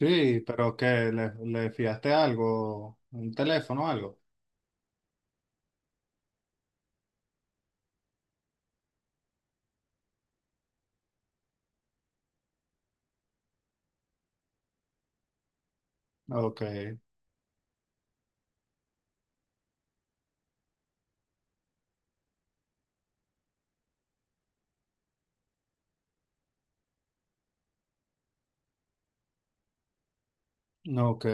Sí, pero que le fiaste algo, un teléfono o algo. Ok, ok.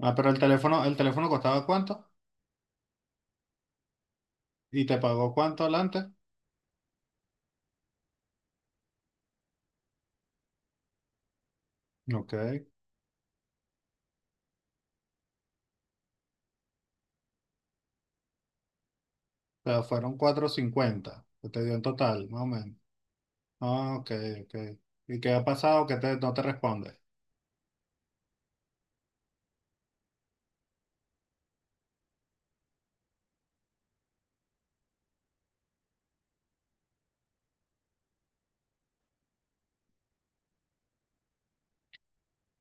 Ah, pero el teléfono costaba cuánto y te pagó cuánto adelante. Ok, o sea, fueron 4.50 que te dio en total, más o menos. Ah, ok, ok. ¿Y qué ha pasado que te, no te responde?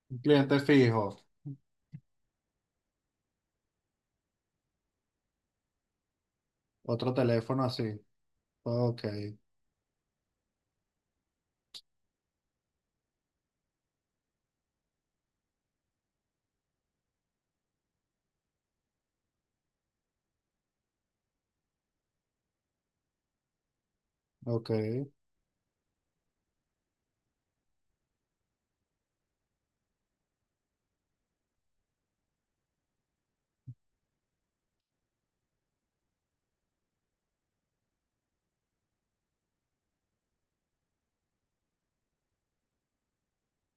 Un cliente fijo, otro teléfono así. Ok, ok.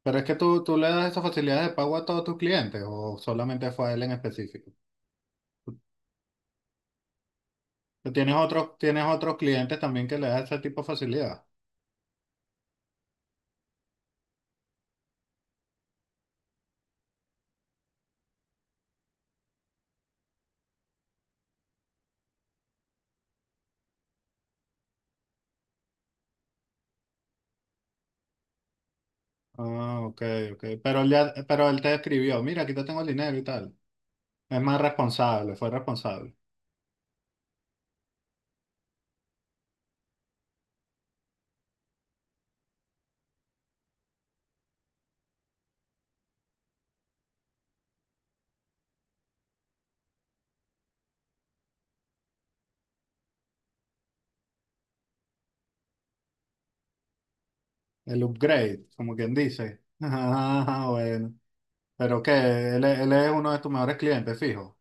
Pero es que tú le das esas facilidades de pago a todos tus clientes o solamente fue a él en específico. Pero tienes otros, tienes otros clientes también que le das ese tipo de facilidad. Ah, ok, ok. Pero él ya, pero él te escribió, mira, aquí te tengo el dinero y tal. Es más responsable, fue responsable. El upgrade, como quien dice. Ah, bueno. Pero que él, él es uno de tus mejores clientes, fijo.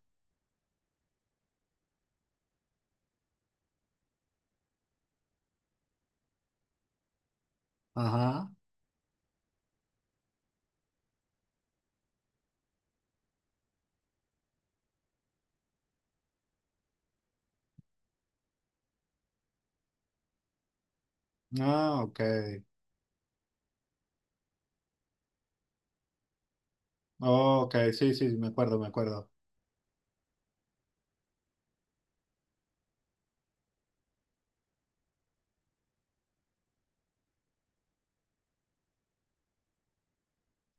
Ajá. Ah, ok. Ok, sí, sí, me acuerdo, me acuerdo.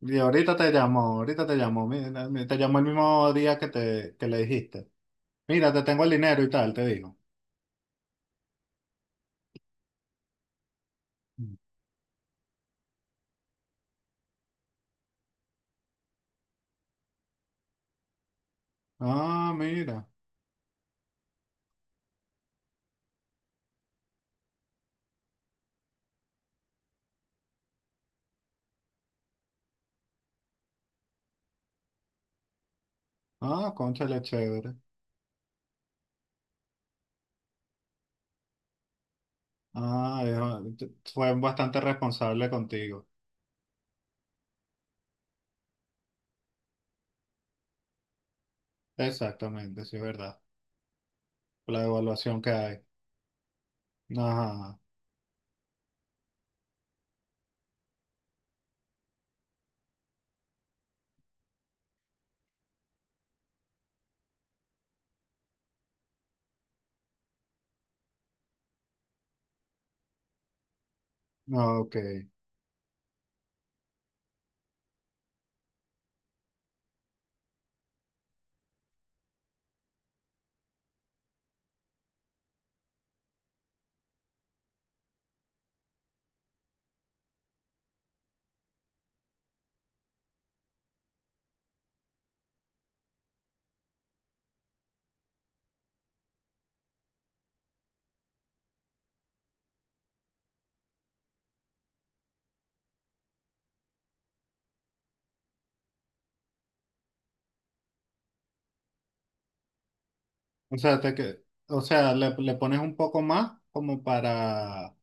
Y ahorita te llamó, mira, te llamó el mismo día que te, que le dijiste. Mira, te tengo el dinero y tal, te digo. Ah, mira. Ah, cónchale, chévere. Ah, fue bastante responsable contigo. Exactamente, sí, es verdad. La evaluación que hay. Ajá, no, ok. O sea, o sea le pones un poco más como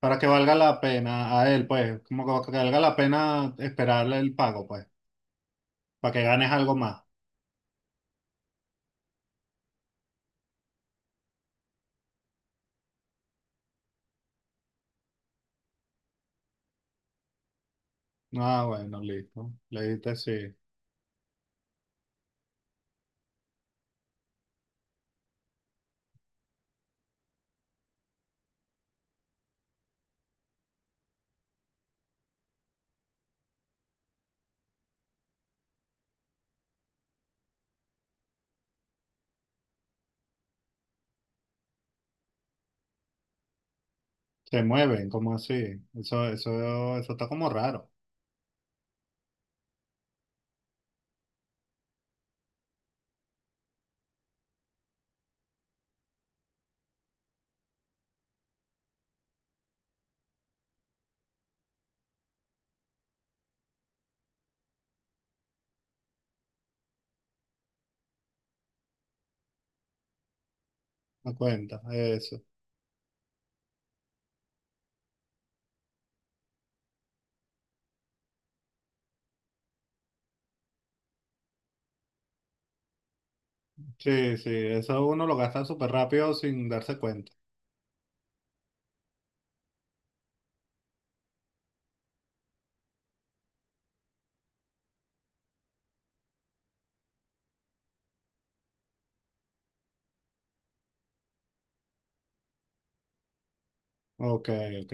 para que valga la pena a él, pues, como que valga la pena esperarle el pago, pues, para que ganes algo más. Ah, bueno, listo. Le diste sí. ¿Se mueven, como así? Eso está como raro. Me cuenta. Eso Sí, sí, eso uno lo gasta súper rápido sin darse cuenta. Ok, ok.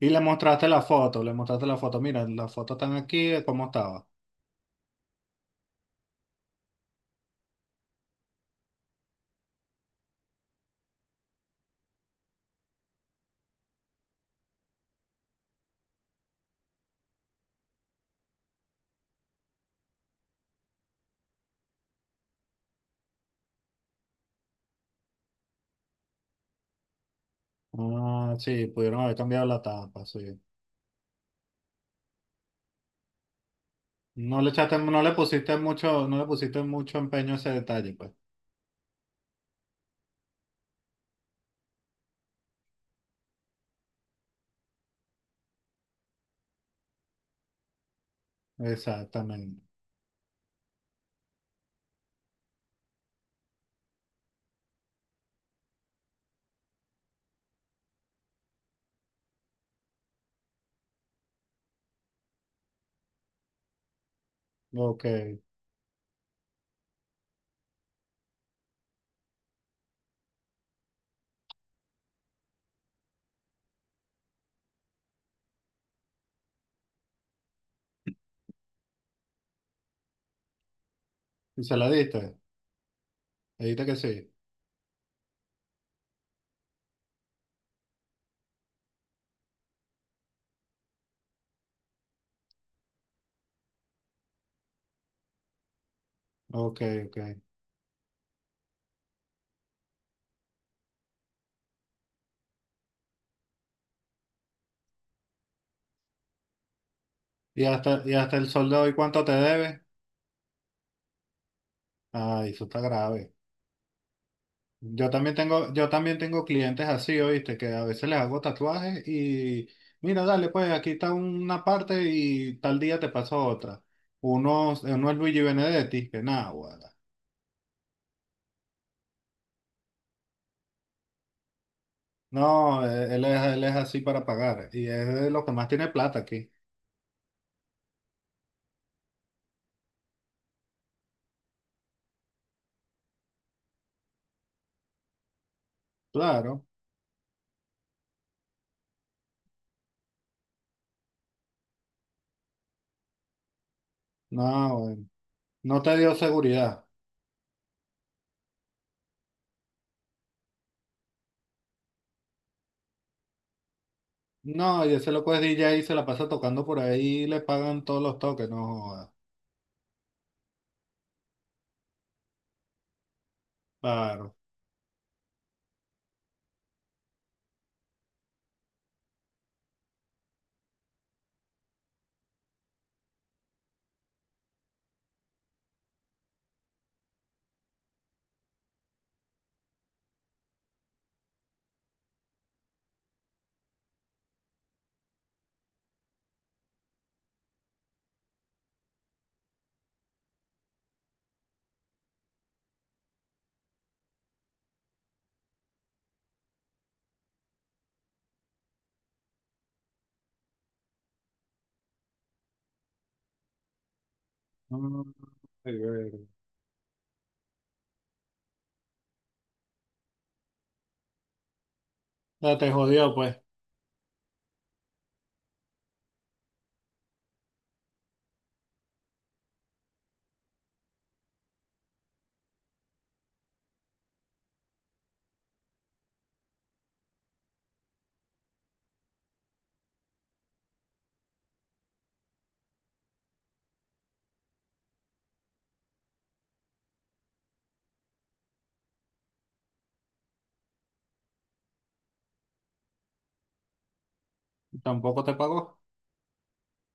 Y le mostraste la foto, le mostraste la foto. Mira, las fotos están aquí de cómo estaba. Ah, sí, pudieron haber cambiado la tapa, sí. No le pusiste mucho, no le pusiste mucho empeño a ese detalle, pues. Exactamente. Ok. ¿Y se la diste? Le dijiste que sí. Ok, ok. Y hasta el sol de hoy cuánto te debe? Ay, eso está grave. Yo también tengo clientes así, ¿oíste? Que a veces les hago tatuajes y mira, dale, pues aquí está una parte y tal día te pasa otra. Uno, uno es Luigi Benedetti, que nada, guarda. No, él es así para pagar y es de los que más tiene plata aquí. Claro, no, bueno, no te dio seguridad. No, y ese loco es DJ y se la pasa tocando por ahí y le pagan todos los toques, no joda. Claro. Mm, ay, verga. Ya te jodió, pues, tampoco te pagó.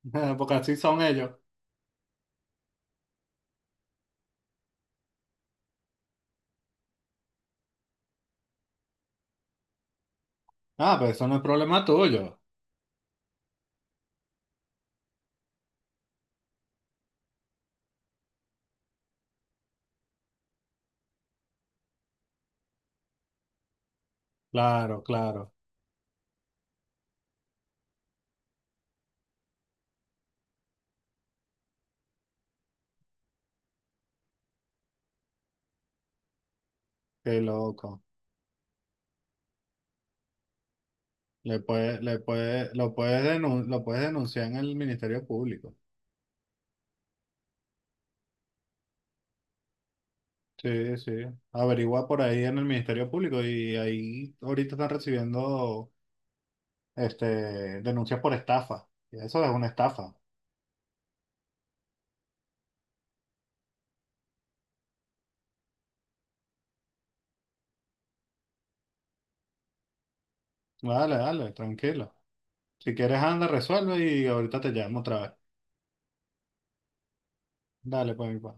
Porque así son ellos. Ah, pero eso no es problema tuyo. Claro, claro. Qué loco. Le puedes, le puede, lo puedes lo puedes denunciar en el Ministerio Público. Sí, sí. Averigua por ahí en el Ministerio Público y ahí ahorita están recibiendo este, denuncias por estafa. Y eso es una estafa. Dale, dale, tranquilo. Si quieres, anda, resuelve y ahorita te llamo otra vez. Dale, pues mi pa.